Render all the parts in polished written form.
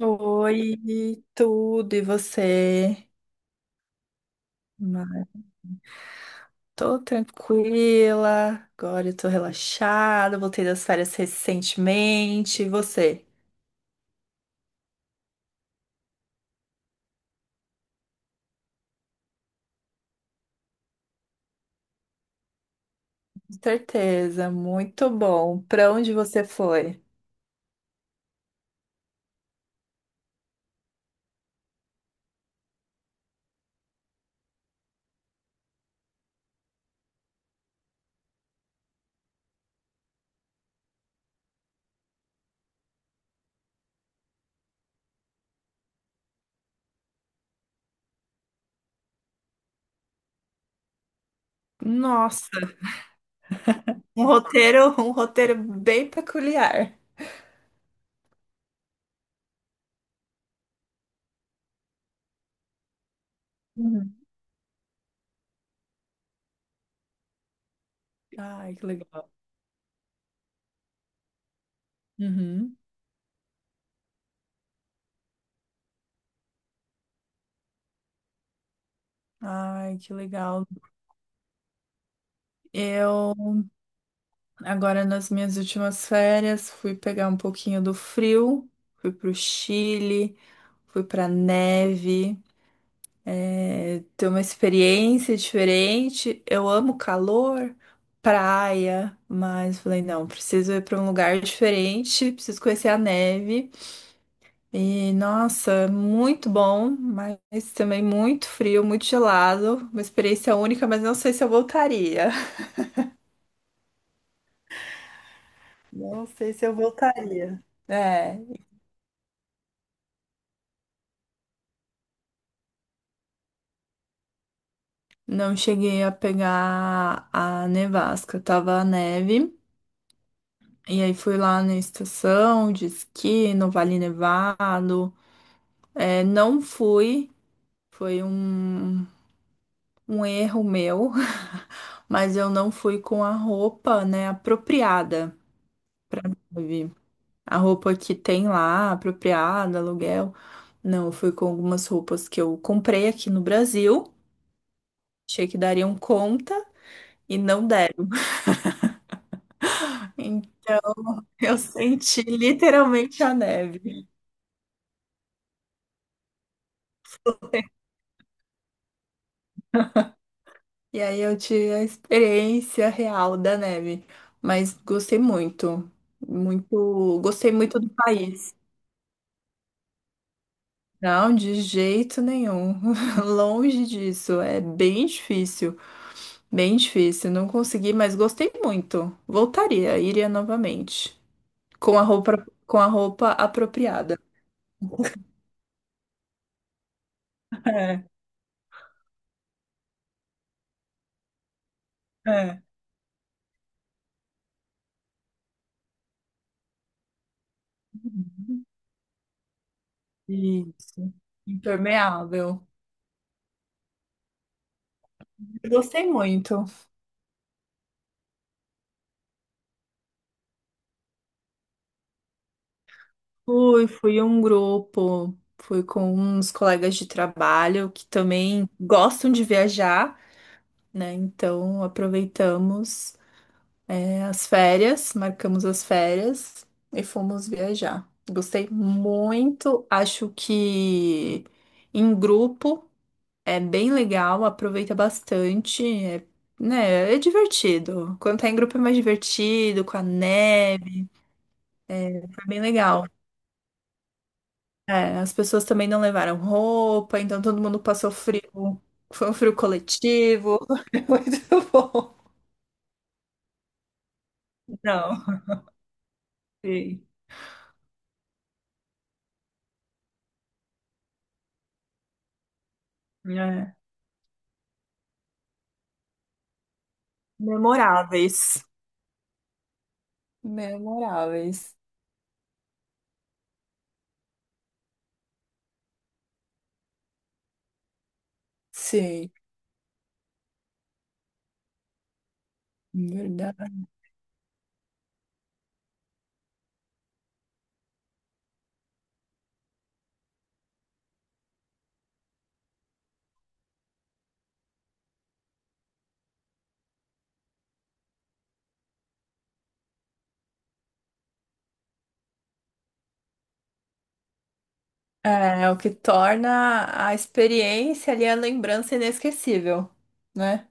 Oi, tudo e você? Mas tô tranquila, agora eu tô relaxada, voltei das férias recentemente. E você? Com certeza, muito bom. Pra onde você foi? Nossa, um roteiro, um roteiro bem peculiar. Uhum. Ai, que legal. Uhum. Ai, que legal. Eu Agora, nas minhas últimas férias, fui pegar um pouquinho do frio, fui pro Chile, fui pra neve, ter uma experiência diferente. Eu amo calor, praia, mas falei, não, preciso ir pra um lugar diferente, preciso conhecer a neve. E nossa, muito bom, mas também muito frio, muito gelado. Uma experiência única, mas não sei se eu voltaria. Não sei se eu voltaria. É. Não cheguei a pegar a nevasca, tava a neve. E aí fui lá na estação de esqui, no Vale Nevado. É, não fui, foi um erro meu, mas eu não fui com a roupa, né, apropriada. Sabe? A roupa que tem lá, apropriada, aluguel. Não, eu fui com algumas roupas que eu comprei aqui no Brasil. Achei que dariam conta e não deram. Eu senti literalmente a neve. E aí eu tive a experiência real da neve. Mas gostei muito. Muito. Gostei muito do país. Não, de jeito nenhum. Longe disso. É bem difícil. Bem difícil. Não consegui, mas gostei muito. Voltaria, iria novamente. Com a roupa apropriada. É, é. Isso. Impermeável. Eu gostei muito. Fui, fui um grupo, fui com uns colegas de trabalho que também gostam de viajar, né? Então aproveitamos, as férias, marcamos as férias e fomos viajar. Gostei muito, acho que em grupo é bem legal, aproveita bastante, né? É divertido. Quando tá em grupo é mais divertido, com a neve, foi bem legal. É, as pessoas também não levaram roupa, então todo mundo passou frio. Foi um frio coletivo. Foi muito bom. Não, sim. É. Memoráveis. Memoráveis. Sim, verdade. É, é o que torna a experiência ali a lembrança inesquecível, né?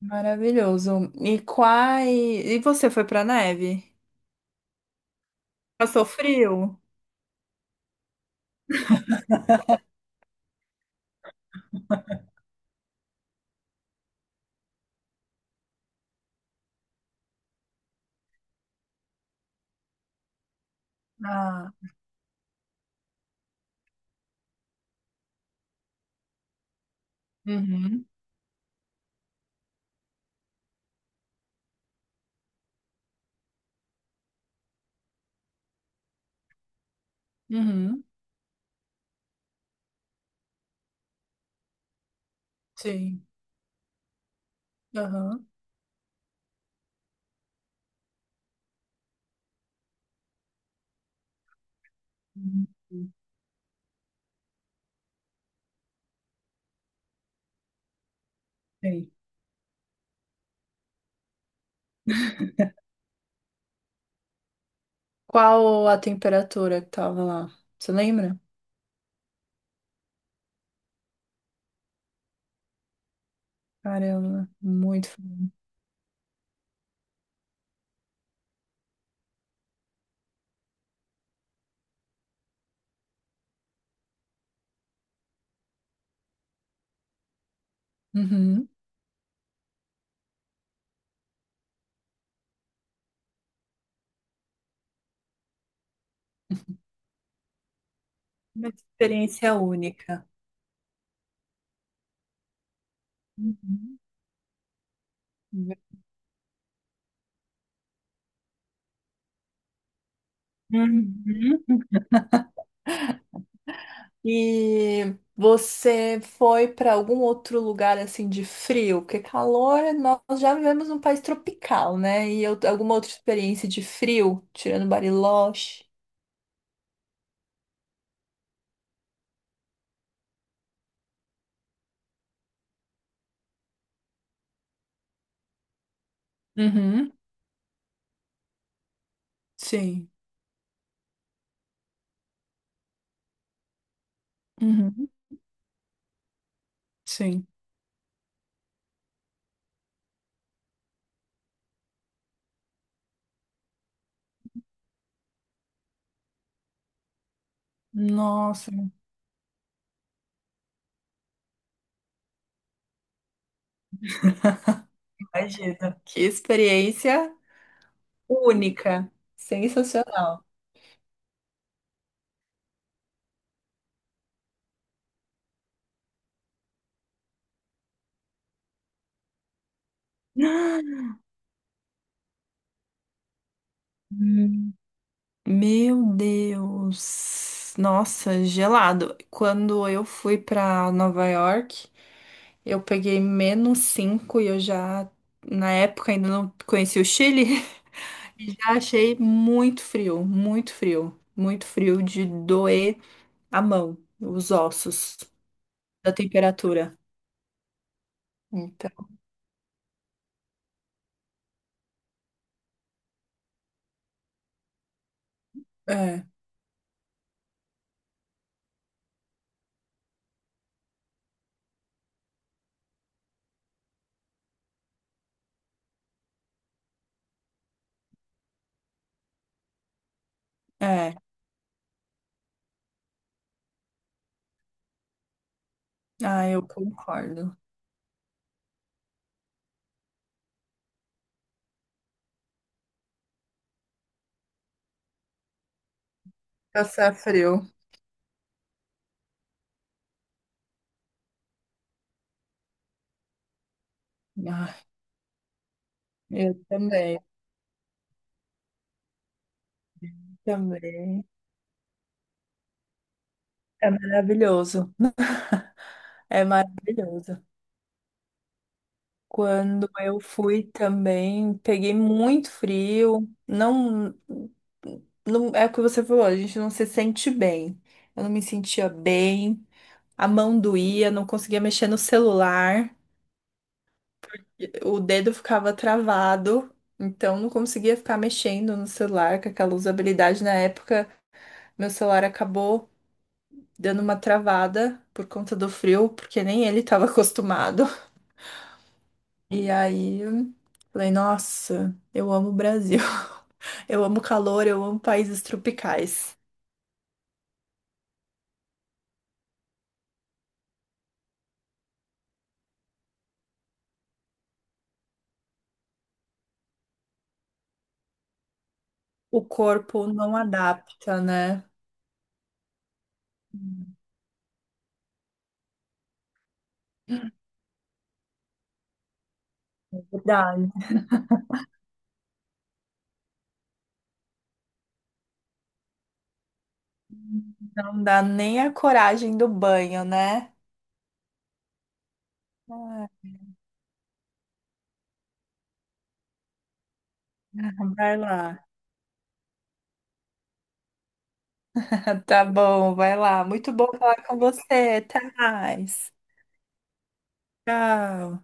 Maravilhoso. E quais... E você foi pra neve? Passou frio? Ah, uhum, uhum, sim, aham. Sei. Qual a temperatura que tava lá? Você lembra? Caramba, muito frio. Uhum. Uma experiência única. Uhum. Uhum. E você foi para algum outro lugar assim de frio? Porque calor, nós já vivemos num país tropical, né? Alguma outra experiência de frio, tirando Bariloche? Uhum. Sim. Uhum. Sim. Nossa. Imagina. Que experiência única. Sensacional. Hum, Meu Deus. Nossa, gelado. Quando eu fui para Nova York, eu peguei -5 e eu já, na época, ainda não conhecia o Chile. E já achei muito frio, muito frio, muito frio de doer a mão, os ossos, da temperatura. Então, é, é. Ah, eu concordo. Passar frio. Ah, eu também. Também. É maravilhoso. É maravilhoso. Quando eu fui também, peguei muito frio. Não, não é o que você falou, a gente não se sente bem. Eu não me sentia bem, a mão doía, não conseguia mexer no celular, o dedo ficava travado, então não conseguia ficar mexendo no celular com aquela usabilidade. Na época, meu celular acabou dando uma travada por conta do frio, porque nem ele estava acostumado. E aí, falei, nossa, eu amo o Brasil. Eu amo calor, eu amo países tropicais. O corpo não adapta, né? Verdade. Não dá nem a coragem do banho, né? Ah, vai lá. Tá bom, vai lá. Muito bom falar com você, Thais. Tchau.